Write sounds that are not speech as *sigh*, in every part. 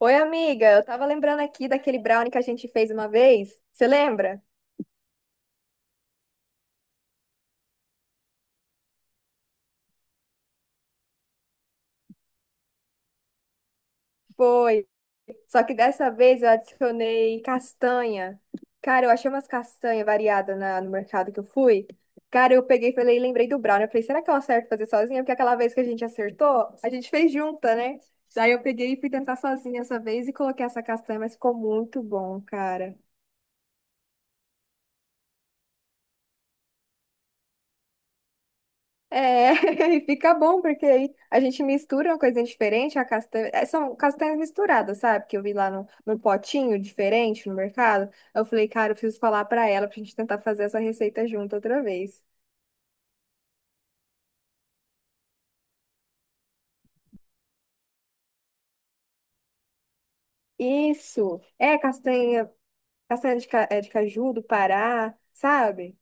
Oi, amiga, eu tava lembrando aqui daquele brownie que a gente fez uma vez. Você lembra? Foi. Só que dessa vez eu adicionei castanha. Cara, eu achei umas castanhas variadas no mercado que eu fui. Cara, eu peguei e falei, lembrei do brownie. Eu falei, será que eu acerto fazer sozinha? Porque aquela vez que a gente acertou, a gente fez junta, né? Daí eu peguei e fui tentar sozinha essa vez e coloquei essa castanha, mas ficou muito bom, cara. É, *laughs* e fica bom, porque aí a gente mistura uma coisinha diferente, a castanha, é, são castanhas misturadas, sabe? Que eu vi lá no potinho diferente no mercado. Eu falei, cara, eu preciso falar pra ela pra gente tentar fazer essa receita junto outra vez. Isso, é castanha, castanha de, é, de caju do Pará, sabe?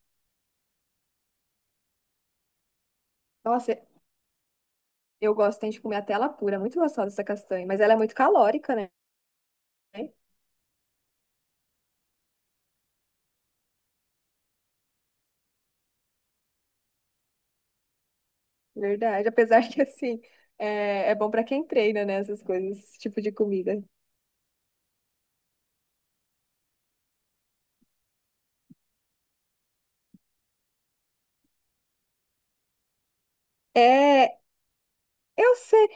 Nossa, eu gosto tem de comer até ela pura, é muito gostosa essa castanha, mas ela é muito calórica, né? Verdade, *laughs* apesar que assim, é bom pra quem treina, né? Essas coisas, esse tipo de comida. É, eu sei.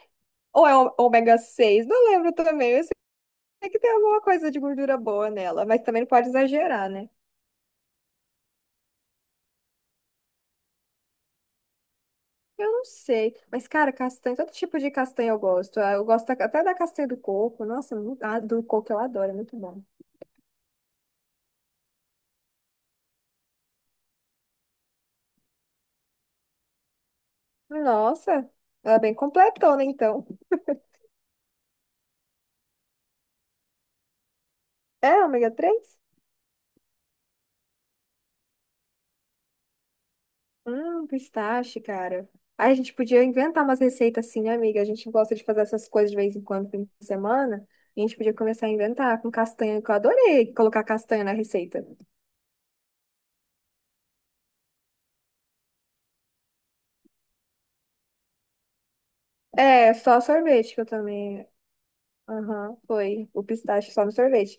Ou é ômega 6, não lembro também. Eu sei que tem alguma coisa de gordura boa nela, mas também não pode exagerar, né? Eu não sei. Mas, cara, castanha, todo tipo de castanha eu gosto. Ah, eu gosto até da castanha do coco. Nossa, ah, do coco eu adoro, é muito bom. Nossa, ela é bem completona, então. É, ômega 3. Pistache, cara. Aí a gente podia inventar umas receitas assim, né, amiga? A gente gosta de fazer essas coisas de vez em quando, fim de semana. E a gente podia começar a inventar com castanha, que eu adorei colocar castanha na receita. É, só sorvete que eu também. Aham, foi. O pistache só no sorvete.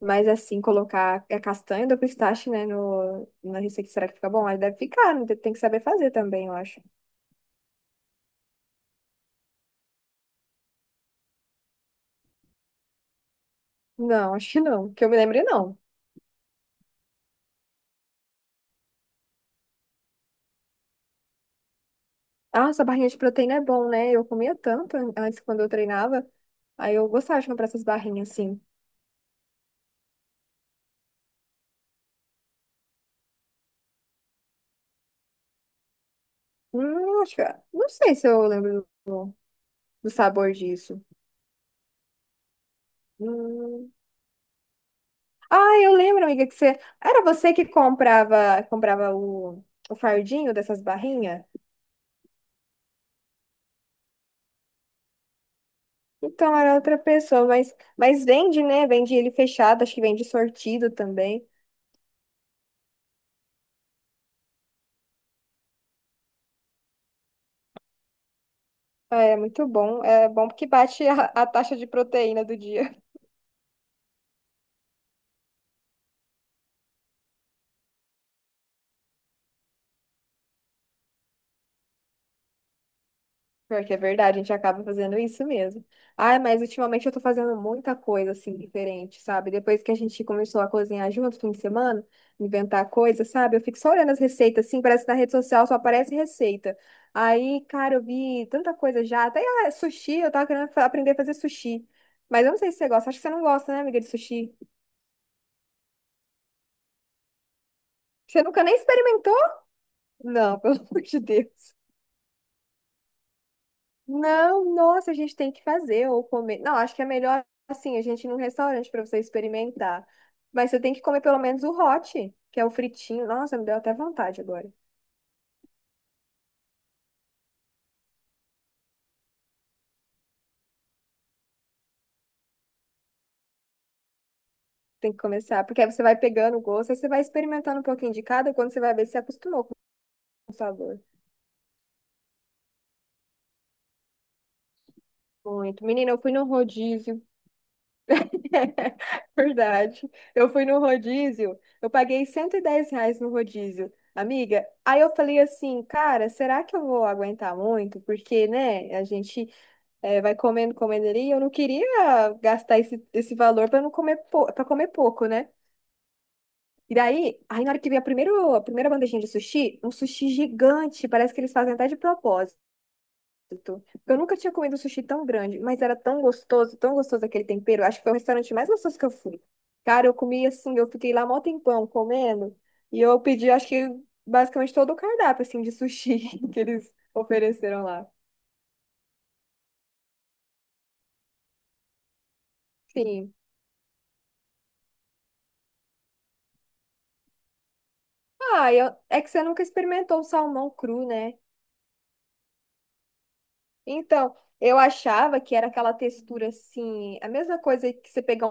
Mas assim, colocar a castanha do pistache, né, no, na receita, será que fica bom? Aí deve ficar, né? Tem que saber fazer também, eu acho. Não, *laughs* acho que não. Que eu me lembre, não. Nossa, a barrinha de proteína é bom, né? Eu comia tanto antes quando eu treinava. Aí eu gostava de comprar essas barrinhas assim. Acho que... Não sei se eu lembro do sabor disso. Hum. Ah, eu lembro, amiga, que você. Era você que comprava, comprava o fardinho dessas barrinhas? Então era outra pessoa, mas vende, né? Vende ele fechado, acho que vende sortido também. Ah, é muito bom. É bom porque bate a taxa de proteína do dia. Pior que é verdade, a gente acaba fazendo isso mesmo. Ai, mas ultimamente eu tô fazendo muita coisa assim diferente, sabe? Depois que a gente começou a cozinhar junto no fim de semana, inventar coisa, sabe? Eu fico só olhando as receitas assim, parece que na rede social só aparece receita. Aí, cara, eu vi tanta coisa já, até ah, sushi, eu tava querendo aprender a fazer sushi. Mas eu não sei se você gosta, acho que você não gosta, né, amiga, de sushi? Você nunca nem experimentou? Não, *laughs* pelo amor de Deus. Não, nossa, a gente tem que fazer ou comer. Não, acho que é melhor assim, a gente ir num restaurante para você experimentar. Mas você tem que comer pelo menos o hot, que é o fritinho. Nossa, me deu até vontade agora. Tem que começar, porque aí você vai pegando o gosto, aí você vai experimentando um pouquinho de cada, quando você vai ver se se acostumou com o sabor. Muito. Menina, eu fui no rodízio. *laughs* Verdade. Eu fui no rodízio, eu paguei R$ 110 no rodízio. Amiga, aí eu falei assim, cara, será que eu vou aguentar muito? Porque, né, a gente é, vai comendo, comendo ali. Eu não queria gastar esse valor para não comer para comer pouco, né? E daí, aí na hora que vem a primeira bandejinha de sushi, um sushi gigante, parece que eles fazem até de propósito. Eu nunca tinha comido um sushi tão grande, mas era tão gostoso aquele tempero. Acho que foi o restaurante mais gostoso que eu fui. Cara, eu comi assim, eu fiquei lá mó tempão comendo, e eu pedi, acho que basicamente todo o cardápio assim de sushi *laughs* que eles ofereceram lá. Sim. Ah, é que você nunca experimentou o salmão cru, né? Então, eu achava que era aquela textura assim, a mesma coisa que você pegar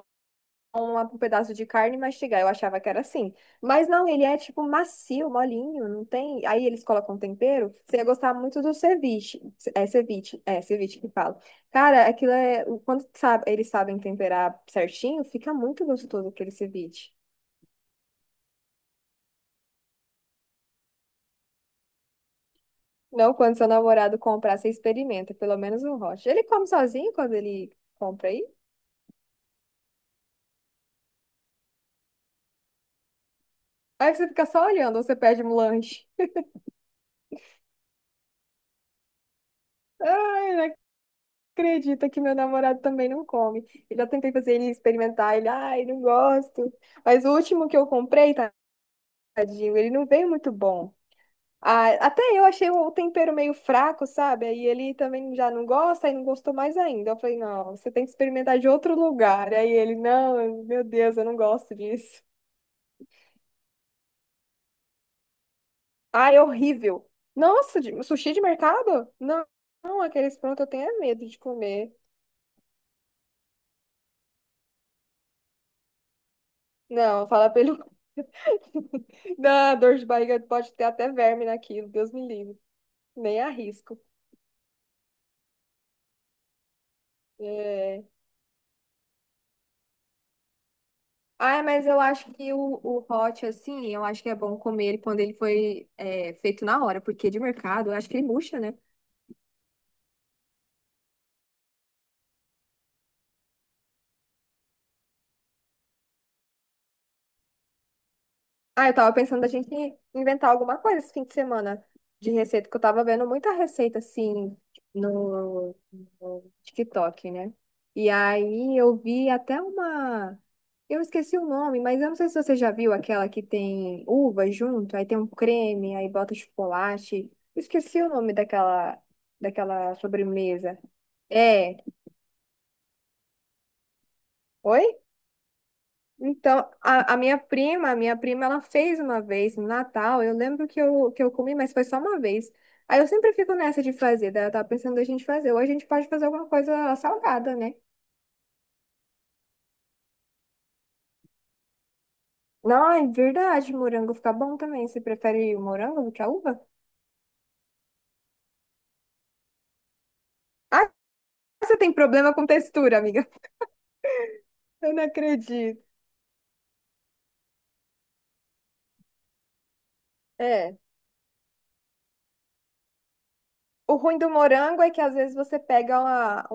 um pedaço de carne e mastigar. Eu achava que era assim. Mas não, ele é tipo macio, molinho, não tem. Aí eles colocam tempero. Você ia gostar muito do ceviche. É ceviche, é ceviche que fala. Cara, aquilo é. Quando sabe, eles sabem temperar certinho, fica muito gostoso aquele ceviche. Não, quando seu namorado comprar, você experimenta, pelo menos um rocha. Ele come sozinho quando ele compra aí? Aí você fica só olhando, ou você pede um lanche. Ai, não acredito que meu namorado também não come. Eu já tentei fazer ele experimentar, ele, ai, não gosto. Mas o último que eu comprei, tadinho, ele não veio muito bom. Ah, até eu achei o tempero meio fraco, sabe? Aí ele também já não gosta e não gostou mais ainda. Eu falei, não, você tem que experimentar de outro lugar. Aí ele, não, meu Deus, eu não gosto disso. Ai, horrível. Nossa, sushi de mercado? Não, aqueles prontos eu tenho é medo de comer. Não, fala pra ele. *laughs* Dá dor de barriga, pode ter até verme naquilo, Deus me livre. Nem arrisco. É... Ah, mas eu acho que o hot, assim, eu acho que é bom comer ele quando ele foi é, feito na hora, porque de mercado, eu acho que ele murcha, né? Ah, eu tava pensando da gente inventar alguma coisa esse fim de semana de receita, que eu tava vendo muita receita assim no, no TikTok, né? E aí eu vi até uma. Eu esqueci o nome, mas eu não sei se você já viu aquela que tem uva junto, aí tem um creme, aí bota chocolate. Eu esqueci o nome daquela, daquela sobremesa. É. Oi? Então, a minha prima, ela fez uma vez no Natal. Eu lembro que eu comi, mas foi só uma vez. Aí eu sempre fico nessa de fazer, daí eu tava pensando a gente fazer. Ou a gente pode fazer alguma coisa salgada, né? Não, é verdade, morango fica bom também. Você prefere o morango do que a uva? Ah, você tem problema com textura, amiga. *laughs* Eu não acredito. É. O ruim do morango é que às vezes você pega uma,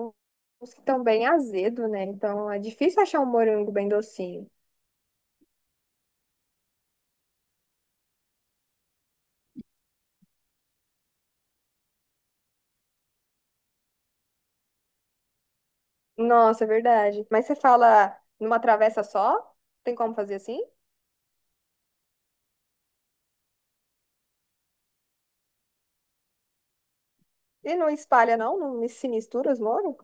uns que estão bem azedo, né? Então é difícil achar um morango bem docinho. Nossa, é verdade. Mas você fala numa travessa só? Tem como fazer assim? E não espalha, não? Se mistura os molhos?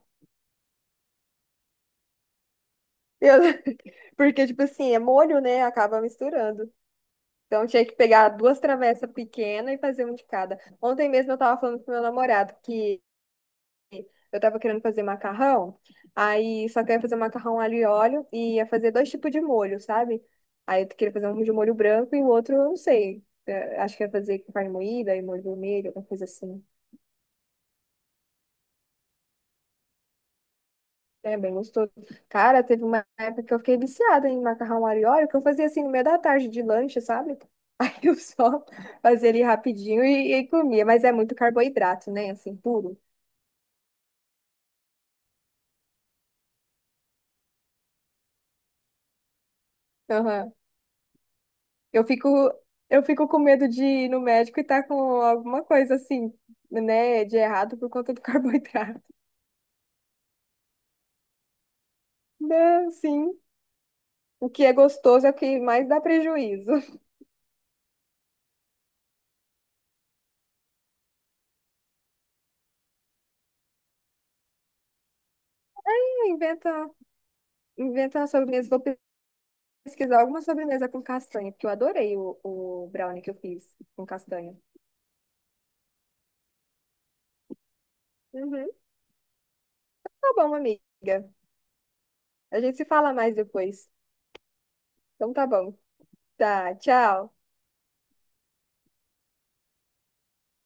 Eu- *laughs* Porque, tipo assim, é molho, né? Acaba misturando. Então, tinha que pegar duas travessas pequenas e fazer um de cada. Ontem mesmo eu tava falando com meu namorado que eu tava querendo fazer macarrão, aí só que eu ia fazer macarrão alho e óleo e ia fazer 2 tipos de molho, sabe? Aí eu queria fazer um de molho branco e o outro, eu não sei. É, acho que ia fazer com carne moída e molho vermelho, alguma coisa assim. É bem gostoso. Cara, teve uma época que eu fiquei viciada em macarrão alho e óleo, que eu fazia assim no meio da tarde de lanche, sabe? *laughs* Aí eu só *laughs* fazia ele rapidinho e comia. Mas é muito carboidrato, né? Assim, puro. Aham. Eu fico, eu fico com medo de ir no médico e tá com alguma coisa assim, né, de errado por conta do *laughs* carboidrato. Não, sim. O que é gostoso é o que mais dá prejuízo. *laughs* Inventa, inventa uma sobremesa. Vou pesquisar alguma sobremesa com castanha, porque eu adorei o brownie que eu fiz com castanha. Uhum. Tá bom, amiga. A gente se fala mais depois. Então tá bom. Tá, tchau.